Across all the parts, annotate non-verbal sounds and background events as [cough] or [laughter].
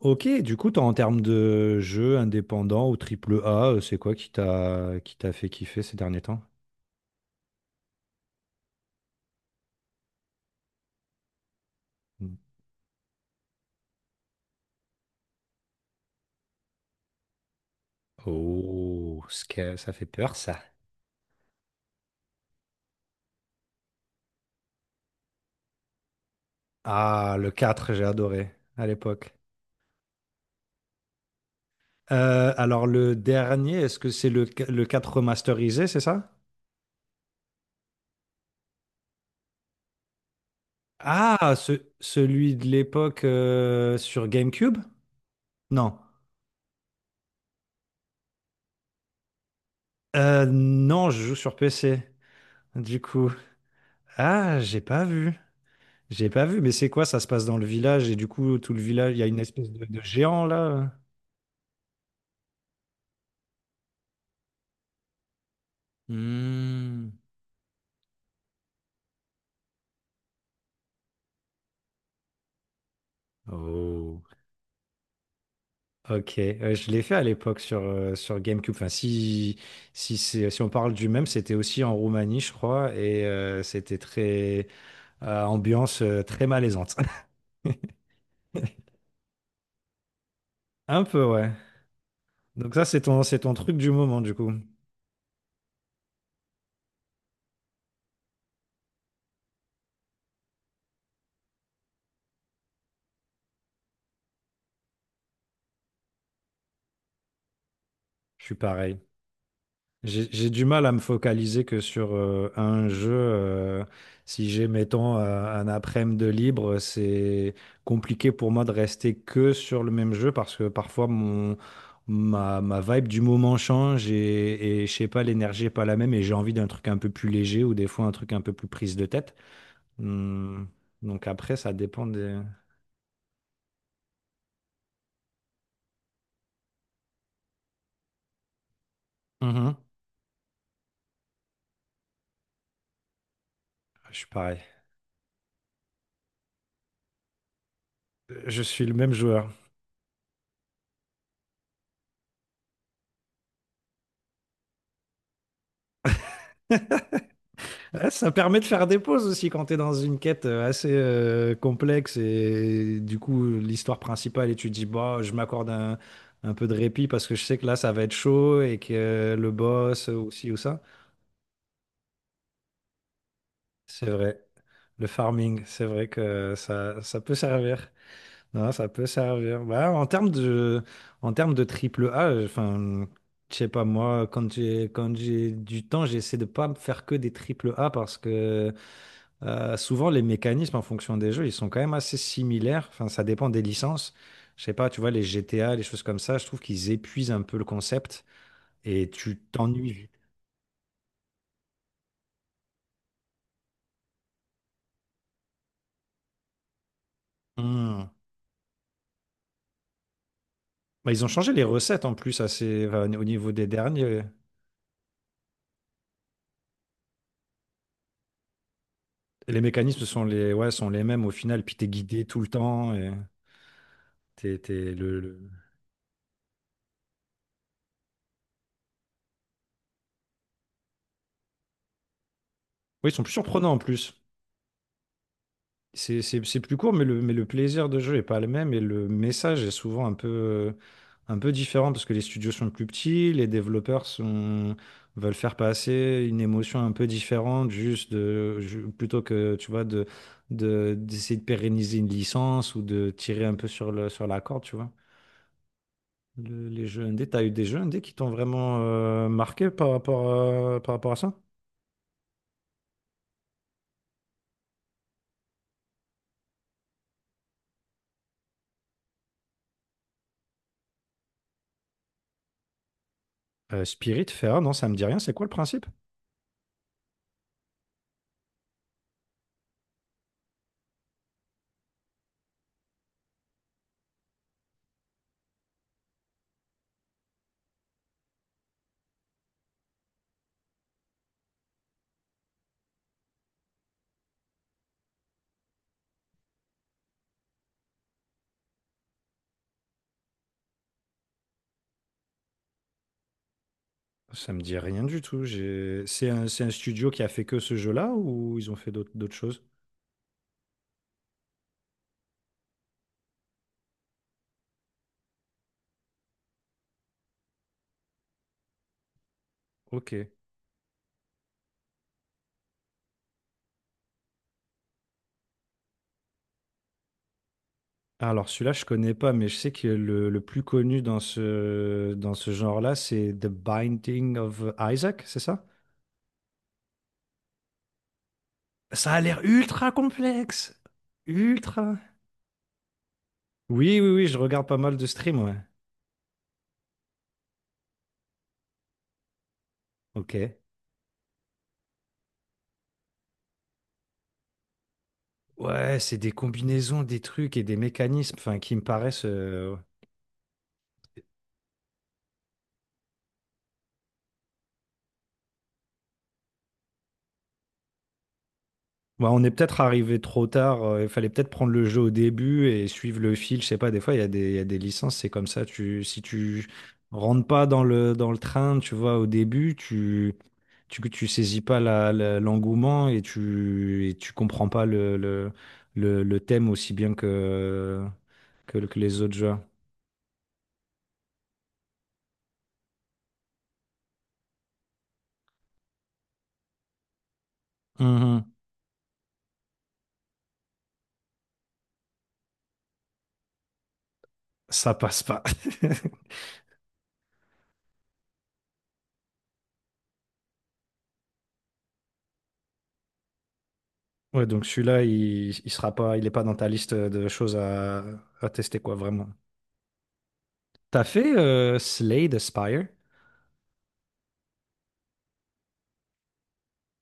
Ok, du coup, toi, en termes de jeux indépendants ou triple A, c'est quoi qui t'a fait kiffer ces derniers temps? Oh, ça fait peur, ça. Ah, le 4, j'ai adoré à l'époque. Alors, le dernier, est-ce que c'est le quatre remasterisé, c'est ça? Ah, celui de l'époque sur GameCube? Non. Non, je joue sur PC, du coup. Ah, j'ai pas vu. J'ai pas vu, mais c'est quoi? Ça se passe dans le village et du coup, tout le village, il y a une espèce de géant là. Hmm. Oh, ok. Je l'ai fait à l'époque sur, sur GameCube. Enfin, si, si on parle du même, c'était aussi en Roumanie, je crois, et c'était très ambiance très malaisante. [laughs] Un peu, ouais. Donc ça, c'est ton truc du moment, du coup. Je suis pareil. J'ai du mal à me focaliser que sur un jeu. Si j'ai, mettons, un après-midi de libre, c'est compliqué pour moi de rester que sur le même jeu parce que parfois ma, ma vibe du moment change et je sais pas, l'énergie est pas la même et j'ai envie d'un truc un peu plus léger ou des fois un truc un peu plus prise de tête. Hmm. Donc après, ça dépend des... Mhm. Je suis pareil. Je suis le même joueur. Ouais, ça permet de faire des pauses aussi quand tu es dans une quête assez complexe et du coup l'histoire principale et tu te dis bah je m'accorde un peu de répit parce que je sais que là ça va être chaud et que le boss ou ci ou ça. C'est vrai. Le farming, c'est vrai que ça peut servir. Non, ça peut servir. Bah, en termes en termes de triple A, enfin, je sais pas, moi, quand j'ai du temps, j'essaie de pas me faire que des triple A parce que souvent, les mécanismes en fonction des jeux, ils sont quand même assez similaires. Enfin, ça dépend des licences. Je sais pas, tu vois, les GTA, les choses comme ça, je trouve qu'ils épuisent un peu le concept et tu t'ennuies vite. Hmm. Bah, ils ont changé les recettes en plus assez, enfin, au niveau des derniers. Les mécanismes sont ouais, sont les mêmes au final, puis t'es guidé tout le temps. Et t'es le. Oui, ils sont plus surprenants en plus. C'est plus court, mais le plaisir de jeu est pas le même et le message est souvent un peu différent parce que les studios sont plus petits, veulent faire passer une émotion un peu différente, plutôt que tu vois, d'essayer de pérenniser une licence ou de tirer un peu sur sur la corde, tu vois. Les jeux indés, t'as eu des jeux indés qui t'ont vraiment marqué par rapport, par rapport à ça? Spirit, Feral, non, ça me dit rien. C'est quoi le principe? Ça me dit rien du tout. J'ai... c'est un studio qui a fait que ce jeu-là ou ils ont fait d'autres choses? Ok. Alors celui-là, je connais pas, mais je sais que le plus connu dans dans ce genre-là, c'est The Binding of Isaac, c'est ça? Ça a l'air ultra complexe. Ultra. Oui, oui, oui, je regarde pas mal de streams, ouais. Ok. Ouais, c'est des combinaisons, des trucs et des mécanismes, enfin, qui me paraissent Ouais, on est peut-être arrivé trop tard. Il fallait peut-être prendre le jeu au début et suivre le fil. Je sais pas, des fois, il y a il y a des licences, c'est comme ça. Si tu rentres pas dans dans le train, tu vois, au début, tu saisis pas l'engouement et tu comprends pas le thème aussi bien que les autres jeux. Mhm. Ça passe pas. [laughs] Ouais, donc celui-là, il sera pas, il est pas dans ta liste de choses à tester, quoi, vraiment. T'as fait Slay the Spire?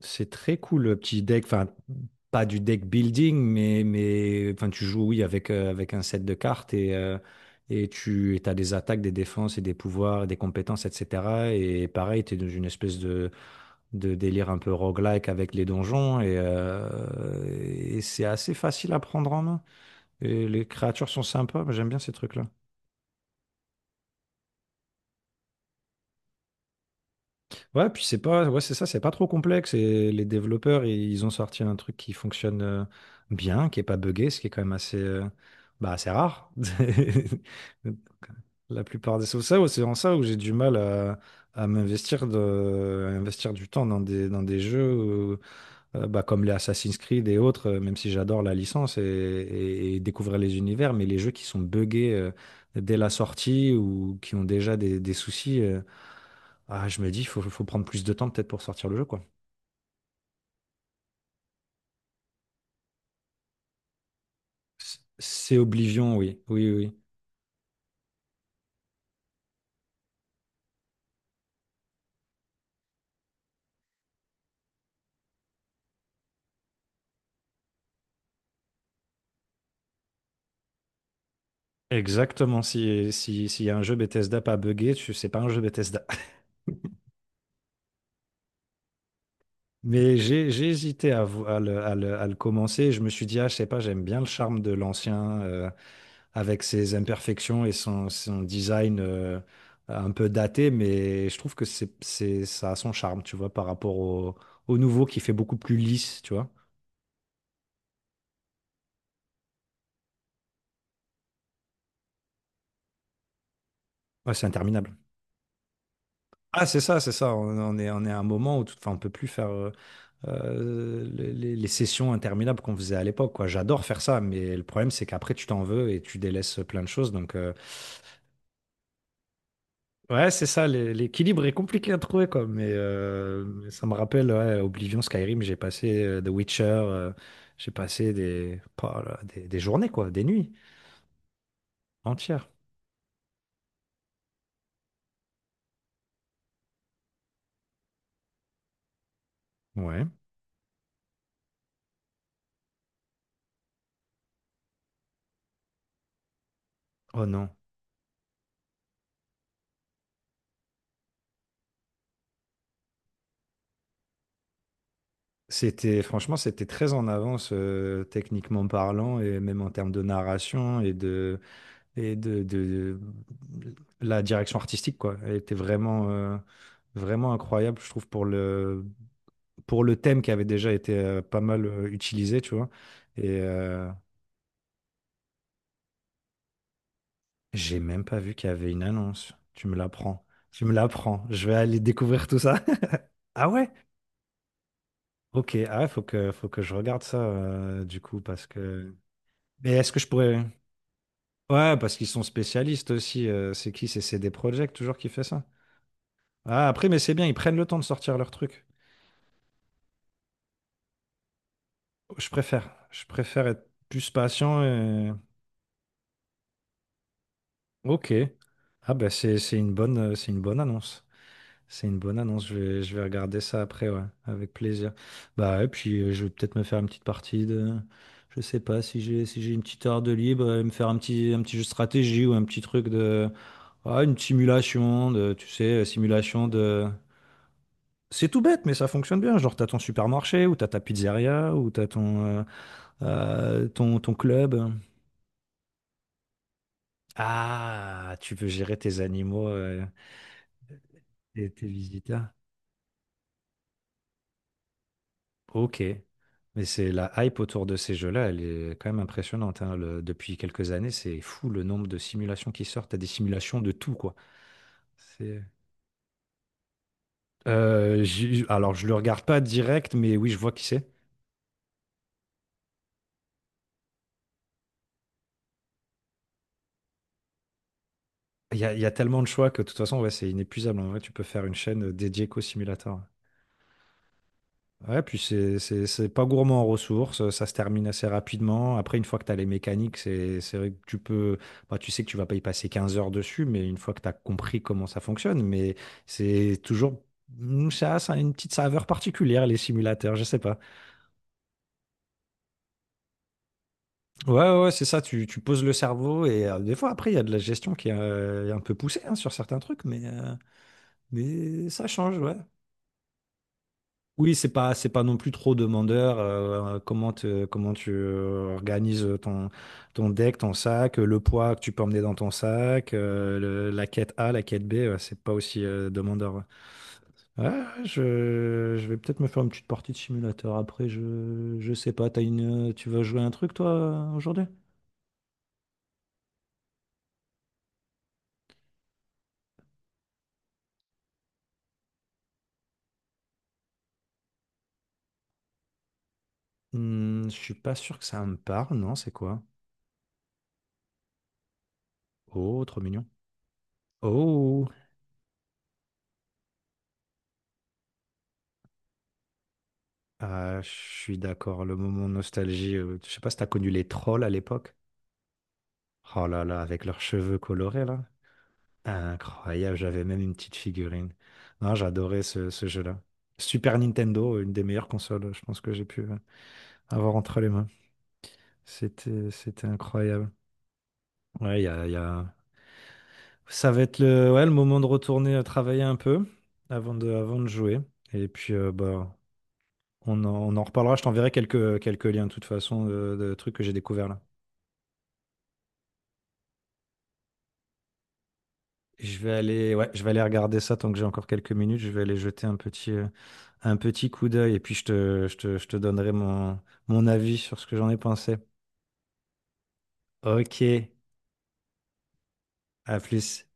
C'est très cool le petit deck, enfin pas du deck building, mais enfin, tu joues oui avec, avec un set de cartes et tu as des attaques, des défenses et des pouvoirs, et des compétences, etc. Et pareil, tu es dans une espèce de délire un peu roguelike avec les donjons et c'est assez facile à prendre en main. Et les créatures sont sympas, moi, j'aime bien ces trucs-là. Ouais, puis c'est pas, ouais, c'est ça, c'est pas trop complexe. Et ils ont sorti un truc qui fonctionne bien, qui est pas buggé, ce qui est quand même assez, bah, assez rare. [laughs] La plupart des, c'est ça, c'est en ça où j'ai du mal à m'investir à investir du temps dans des jeux où, bah, comme les Assassin's Creed et autres, même si j'adore la licence et, et découvrir les univers, mais les jeux qui sont buggés dès la sortie ou qui ont déjà des soucis. Ah, je me dis, il faut, faut prendre plus de temps peut-être pour sortir le jeu, quoi. C'est Oblivion, oui. Oui, oui. Exactement. Si, s'il y a un jeu Bethesda pas buggé, c'est pas un jeu Bethesda. [laughs] Mais j'ai hésité à, à le commencer. Je me suis dit, ah, je sais pas, j'aime bien le charme de l'ancien avec ses imperfections et son design un peu daté, mais je trouve que c'est, ça a son charme, tu vois, par rapport au nouveau qui fait beaucoup plus lisse, tu vois. Ouais, c'est interminable. Ah, c'est ça, c'est ça. On est à un moment où tout, enfin, on peut plus faire les sessions interminables qu'on faisait à l'époque, quoi. J'adore faire ça, mais le problème, c'est qu'après, tu t'en veux et tu délaisses plein de choses. Donc, ouais, c'est ça. L'équilibre est compliqué à trouver, quoi. Mais ça me rappelle ouais, Oblivion, Skyrim. J'ai passé The Witcher. J'ai passé des, pas, là, des journées, quoi, des nuits entières. Ouais. Oh non. C'était franchement, c'était très en avance techniquement parlant et même en termes de narration et de et de- la direction artistique quoi. Elle était vraiment vraiment incroyable, je trouve pour le thème qui avait déjà été pas mal utilisé, tu vois. Et j'ai même pas vu qu'il y avait une annonce. Tu me l'apprends. Tu me l'apprends. Je vais aller découvrir tout ça. [laughs] Ah ouais? Ok. Ah ouais, faut que je regarde ça du coup parce que. Mais est-ce que je pourrais. Ouais, parce qu'ils sont spécialistes aussi. C'est qui? C'est CD Projekt toujours qui fait ça. Ah, après, mais c'est bien, ils prennent le temps de sortir leur truc. Je préfère. Je préfère être plus patient et... Ok. Ah bah c'est une bonne annonce. C'est une bonne annonce. Je vais regarder ça après, ouais, avec plaisir. Bah et puis je vais peut-être me faire une petite partie de. Je sais pas si j'ai une petite heure de libre, me faire un petit jeu de stratégie ou un petit truc de. Ah, une simulation de, tu sais, simulation de. C'est tout bête, mais ça fonctionne bien. Genre, t'as ton supermarché, ou t'as ta pizzeria, ou t'as ton, ton club. Ah, tu veux gérer tes animaux et tes visiteurs. Ok. Mais c'est la hype autour de ces jeux-là, elle est quand même impressionnante. Hein. Depuis quelques années, c'est fou le nombre de simulations qui sortent. T'as des simulations de tout, quoi. C'est... Alors, je le regarde pas direct, mais oui, je vois qui c'est. Il y a tellement de choix que de toute façon, ouais, c'est inépuisable. En vrai, tu peux faire une chaîne dédiée qu'au simulateur. Ouais, puis c'est pas gourmand en ressources, ça se termine assez rapidement. Après, une fois que tu as les mécaniques, c'est vrai que tu peux. Bah, tu sais que tu vas pas y passer 15 heures dessus, mais une fois que tu as compris comment ça fonctionne, mais c'est toujours. Mm, ça a une petite saveur particulière, les simulateurs, je sais pas. Ouais, ouais, ouais, c'est ça, tu poses le cerveau et des fois, après, il y a de la gestion qui est un peu poussée hein, sur certains trucs, mais ça change, ouais. Oui, c'est pas non plus trop demandeur. Comment te- comment tu organises ton, ton deck, ton sac, le poids que tu peux emmener dans ton sac, la quête A, la quête B, ouais, c'est pas aussi demandeur. Ouais, ouais, ouais, je vais peut-être me faire une petite partie de simulateur après. Je sais pas. T'as une, tu vas jouer un truc toi aujourd'hui? Hmm, je suis pas sûr que ça me parle. Non, c'est quoi? Oh, trop mignon. Oh, ah, je suis d'accord. Le moment nostalgie. Je sais pas si t'as connu les trolls à l'époque. Oh là là, avec leurs cheveux colorés là. Incroyable, j'avais même une petite figurine. Non, j'adorais ce, ce jeu-là. Super Nintendo, une des meilleures consoles, je pense que j'ai pu avoir entre les mains. C'était, c'était incroyable. Ouais, il y a. Ça va être le, ouais, le moment de retourner travailler un peu avant de jouer. Et puis, bah, on en reparlera. Je t'enverrai quelques, quelques liens, de toute façon, de trucs que j'ai découverts là. Je vais aller, ouais, je vais aller regarder ça tant que j'ai encore quelques minutes. Je vais aller jeter un petit coup d'œil et puis je te donnerai mon, mon avis sur ce que j'en ai pensé. Ok, à plus.